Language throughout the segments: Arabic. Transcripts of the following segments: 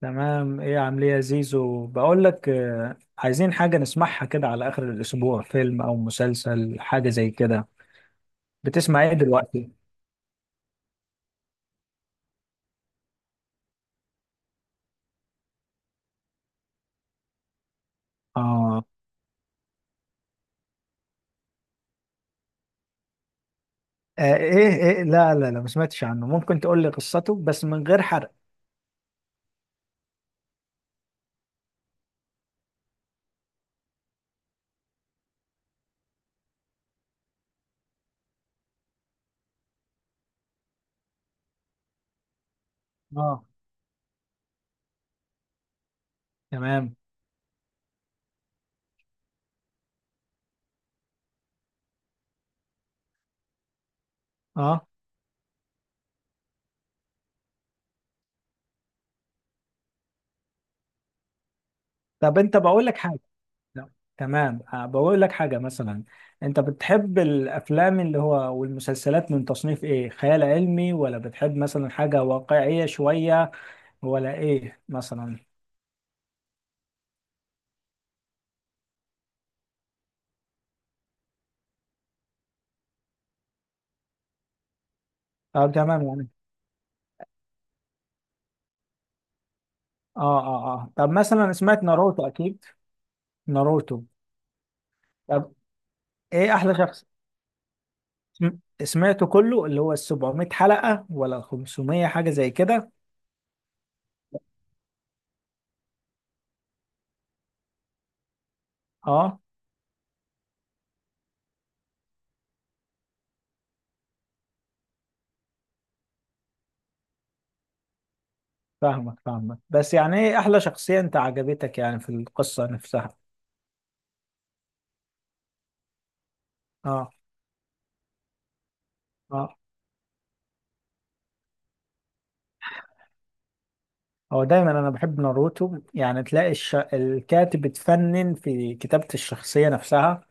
تمام، ايه عامل ايه يا زيزو؟ بقول لك، عايزين حاجة نسمعها كده على آخر الأسبوع، فيلم أو مسلسل حاجة زي كده. بتسمع ايه دلوقتي؟ آه. آه، ايه ايه، لا لا لا، ما سمعتش عنه، ممكن تقول لي قصته بس من غير حرق؟ اه تمام. اه، طب انت، بقول لك حاجة. لا. تمام، بقول لك حاجة مثلا، انت بتحب الافلام اللي هو والمسلسلات من تصنيف ايه؟ خيال علمي ولا بتحب مثلا حاجة واقعية شوية، ولا ايه مثلا؟ اه تمام يعني. اه اه اه، طب مثلا سمعت ناروتو اكيد. ناروتو. طب ايه احلى شخص؟ سمعته كله، اللي هو ال 700 حلقة ولا 500 حاجة زي كده؟ اه، فاهمك فاهمك، بس يعني ايه احلى شخصية انت عجبتك يعني في القصة نفسها؟ اه اه. هو دايما انا بحب ناروتو يعني، تلاقي الكاتب اتفنن في كتابة الشخصية نفسها،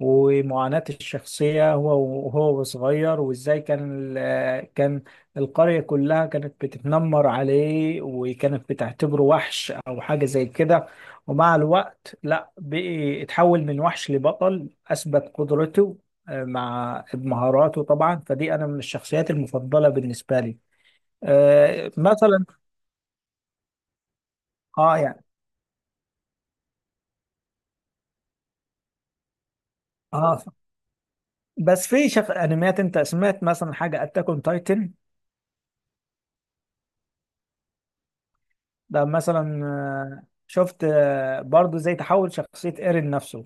ومعاناة الشخصية هو وهو صغير، وازاي كان القرية كلها كانت بتتنمر عليه وكانت بتعتبره وحش او حاجة زي كده، ومع الوقت لا، بقي اتحول من وحش لبطل، اثبت قدرته مع مهاراته طبعا، فدي انا من الشخصيات المفضلة بالنسبة لي. مثلا. اه يعني. اه، بس في انميات، انت سمعت مثلا حاجه اتاك اون تايتن؟ ده مثلا، شفت برضو زي تحول شخصيه ايرين نفسه،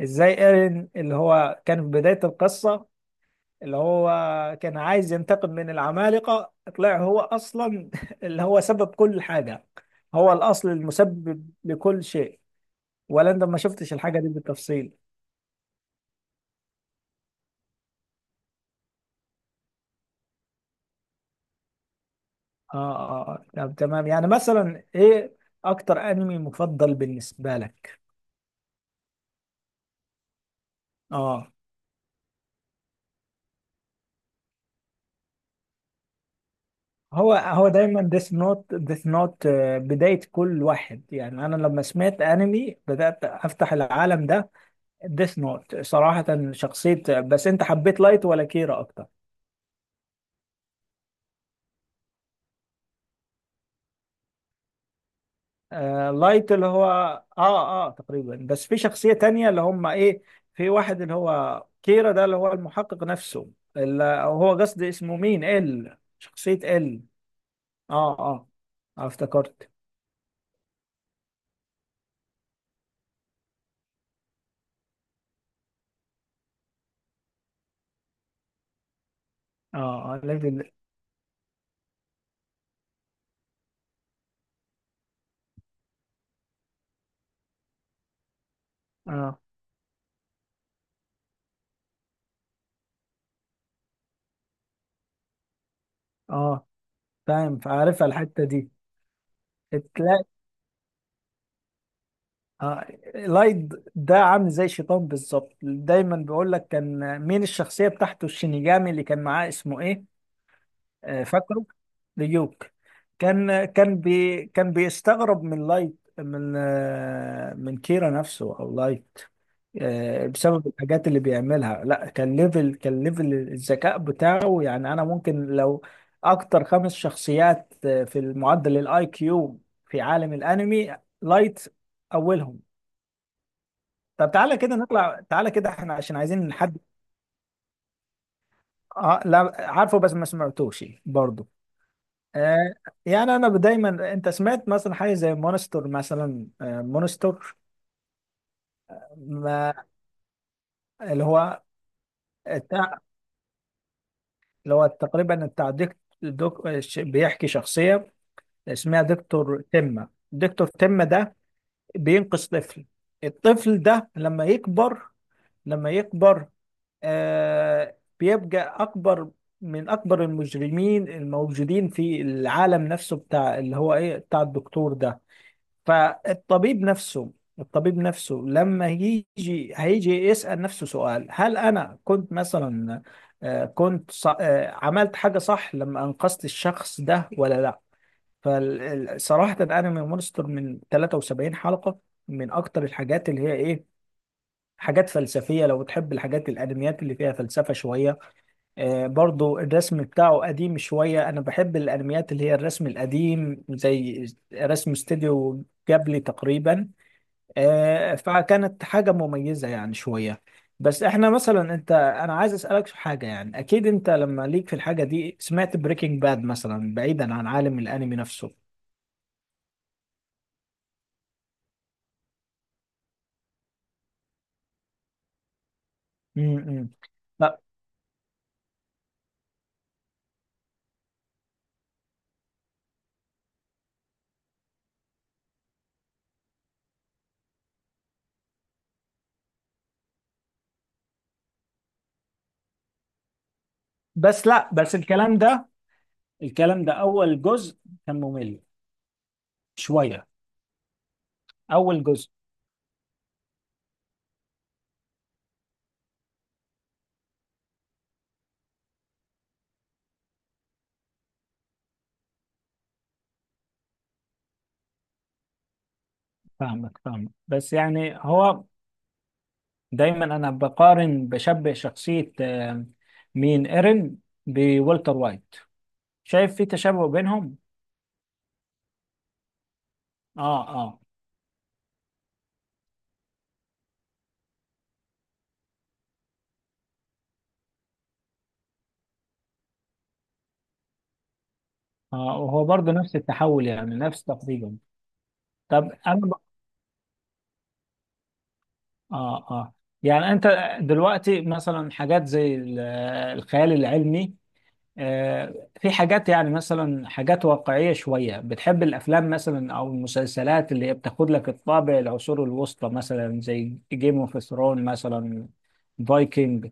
ازاي ايرين اللي هو كان في بدايه القصه اللي هو كان عايز ينتقم من العمالقه، طلع هو اصلا اللي هو سبب كل حاجه، هو الاصل المسبب لكل شيء. ولا انت ما شفتش الحاجه دي بالتفصيل؟ اه اه آه. طب تمام، يعني مثلا ايه اكتر انمي مفضل بالنسبه لك؟ اه. هو هو دايما ديث نوت ديث نوت، بداية كل واحد. يعني أنا لما سمعت أنمي بدأت أفتح العالم ده، ديث نوت صراحة شخصية. بس أنت حبيت لايت ولا كيرا أكتر؟ آه، لايت اللي هو. آه آه، تقريبا. بس في شخصية تانية اللي هم إيه، في واحد اللي هو كيرا ده، اللي هو المحقق نفسه، اللي هو قصدي اسمه مين، ال شخصية ال. آه آه. آه، افتكرت. آه آه، ليفل. آه آه، فاهم، فعارفها الحتة دي. تلاقي. آه، لايد ده عامل زي شيطان بالظبط، دايما بيقول لك. كان مين الشخصية بتاعته الشينيجامي اللي كان معاه، اسمه ايه؟ آه، فاكره. ليوك. كان بيستغرب من لايت، من كيرا نفسه او لايت، بسبب الحاجات اللي بيعملها. لا، كان ليفل الذكاء بتاعه، يعني انا ممكن لو اكتر خمس شخصيات في المعدل الاي كيو في عالم الانمي، لايت اولهم. طب تعالى كده نطلع، تعالى كده احنا، عشان عايزين نحدد. اه لا، عارفه بس ما سمعتوش برضه. آه، يعني انا دايما، انت سمعت مثلا حاجه زي مونستر مثلا، مونستر، ما اللي هو التع- اللي هو تقريبا بتاع ديك دوك، بيحكي شخصيه اسمها دكتور تمه، دكتور تمه ده بينقذ طفل، الطفل ده لما يكبر، لما يكبر بيبقى اكبر من اكبر المجرمين الموجودين في العالم نفسه، بتاع اللي هو ايه بتاع الدكتور ده. فالطبيب نفسه، الطبيب نفسه لما يجي، هيجي يسأل نفسه سؤال، هل أنا كنت مثلا آه، كنت ص- آه، عملت حاجة صح لما أنقذت الشخص ده، ولا لا؟ فصراحة أنمي مونستر، من 73 حلقة، من أكتر الحاجات اللي هي إيه، حاجات فلسفية. لو بتحب الحاجات، الأنميات اللي فيها فلسفة شوية، برضو الرسم بتاعه قديم شوية، أنا بحب الأنميات اللي هي الرسم القديم زي رسم استوديو جابلي تقريبا، فكانت حاجة مميزة يعني شوية. بس احنا مثلا انا عايز اسألك في حاجة، يعني اكيد انت لما ليك في الحاجة دي، سمعت بريكنج باد مثلا بعيدا عن عالم الانمي نفسه؟ امم. لا، بس لا بس الكلام ده اول جزء كان ممل شوية، اول جزء. فاهمك فاهمك، بس يعني هو. دايما انا بقارن، بشبه شخصية مين، ايرين، بولتر وايت، شايف في تشابه بينهم. اه آه. اه، وهو برضه نفس التحول، يعني نفس تقريبا. طب انا اه اه. يعني انت دلوقتي مثلا حاجات زي الخيال العلمي، في حاجات، يعني مثلا حاجات واقعية شوية، بتحب الافلام مثلا او المسلسلات اللي هي بتاخد لك الطابع العصور الوسطى، مثلا زي جيم اوف ثرون مثلا، فايكنج،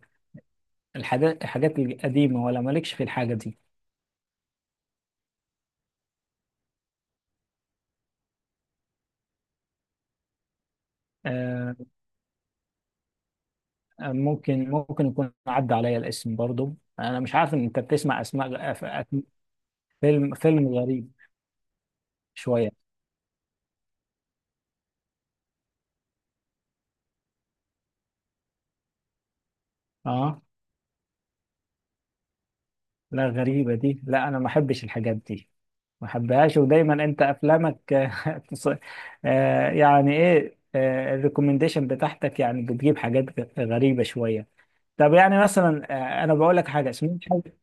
الحاجات القديمة، ولا مالكش في الحاجة دي؟ آه، ممكن يكون عدى عليا الاسم برضو، انا مش عارف ان انت بتسمع اسماء فيلم غريب شويه. اه لا، غريبه دي، لا انا ما احبش الحاجات دي، ما احبهاش. ودايما انت افلامك تص- يعني ايه الريكومنديشن بتاعتك، يعني بتجيب حاجات غريبه شويه. طب يعني مثلا، انا بقول لك حاجه، سمعت حاجه.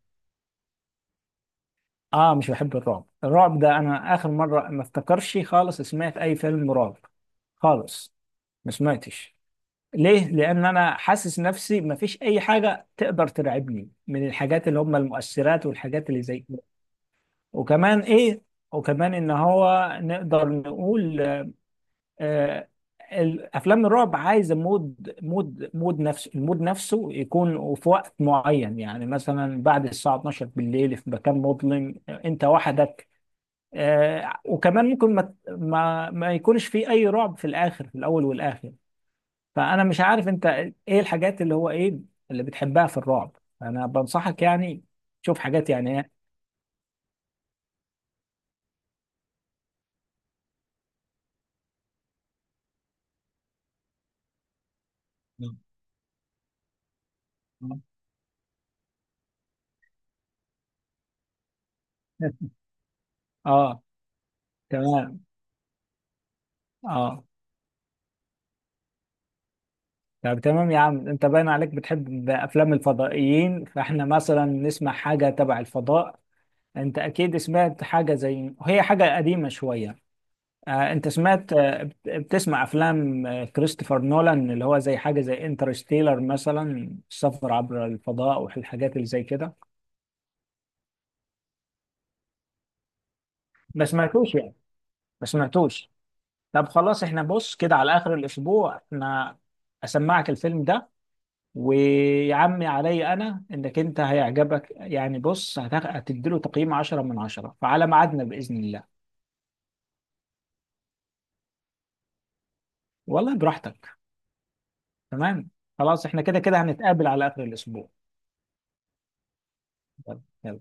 اه، مش بحب الرعب. الرعب ده انا اخر مره ما افتكرش خالص سمعت اي فيلم رعب خالص، ما سمعتش. ليه؟ لأن أنا حاسس نفسي مفيش أي حاجة تقدر ترعبني من الحاجات اللي هم المؤثرات والحاجات اللي زي كده. وكمان إيه؟ وكمان إن هو نقدر نقول آه الأفلام الرعب عايزة مود مود مود نفسه، المود نفسه يكون في وقت معين، يعني مثلا بعد الساعة 12 بالليل في مكان مظلم، أنت وحدك، وكمان ممكن ما يكونش في أي رعب في الآخر، في الأول والآخر. فانا مش عارف انت ايه الحاجات اللي هو ايه اللي بتحبها في الرعب، انا بنصحك يعني شوف حاجات يعني إيه. نعم. اه تمام اه. طب تمام يا عم، انت باين عليك بتحب افلام الفضائيين، فاحنا مثلا نسمع حاجه تبع الفضاء. انت اكيد سمعت حاجه زي، هي حاجه قديمه شويه، انت بتسمع افلام كريستوفر نولان، اللي هو زي حاجه زي انترستيلر مثلا، السفر عبر الفضاء والحاجات اللي زي كده. ما سمعتوش يعني. ما سمعتوش. طب خلاص، احنا بص كده على اخر الاسبوع، احنا اسمعك الفيلم ده، ويا عمي علي، انا انك انت هيعجبك يعني، بص هتديله تقييم 10 من 10، فعلى ميعادنا باذن الله. والله براحتك. تمام. خلاص احنا كده كده هنتقابل على اخر الاسبوع. يلا يلا.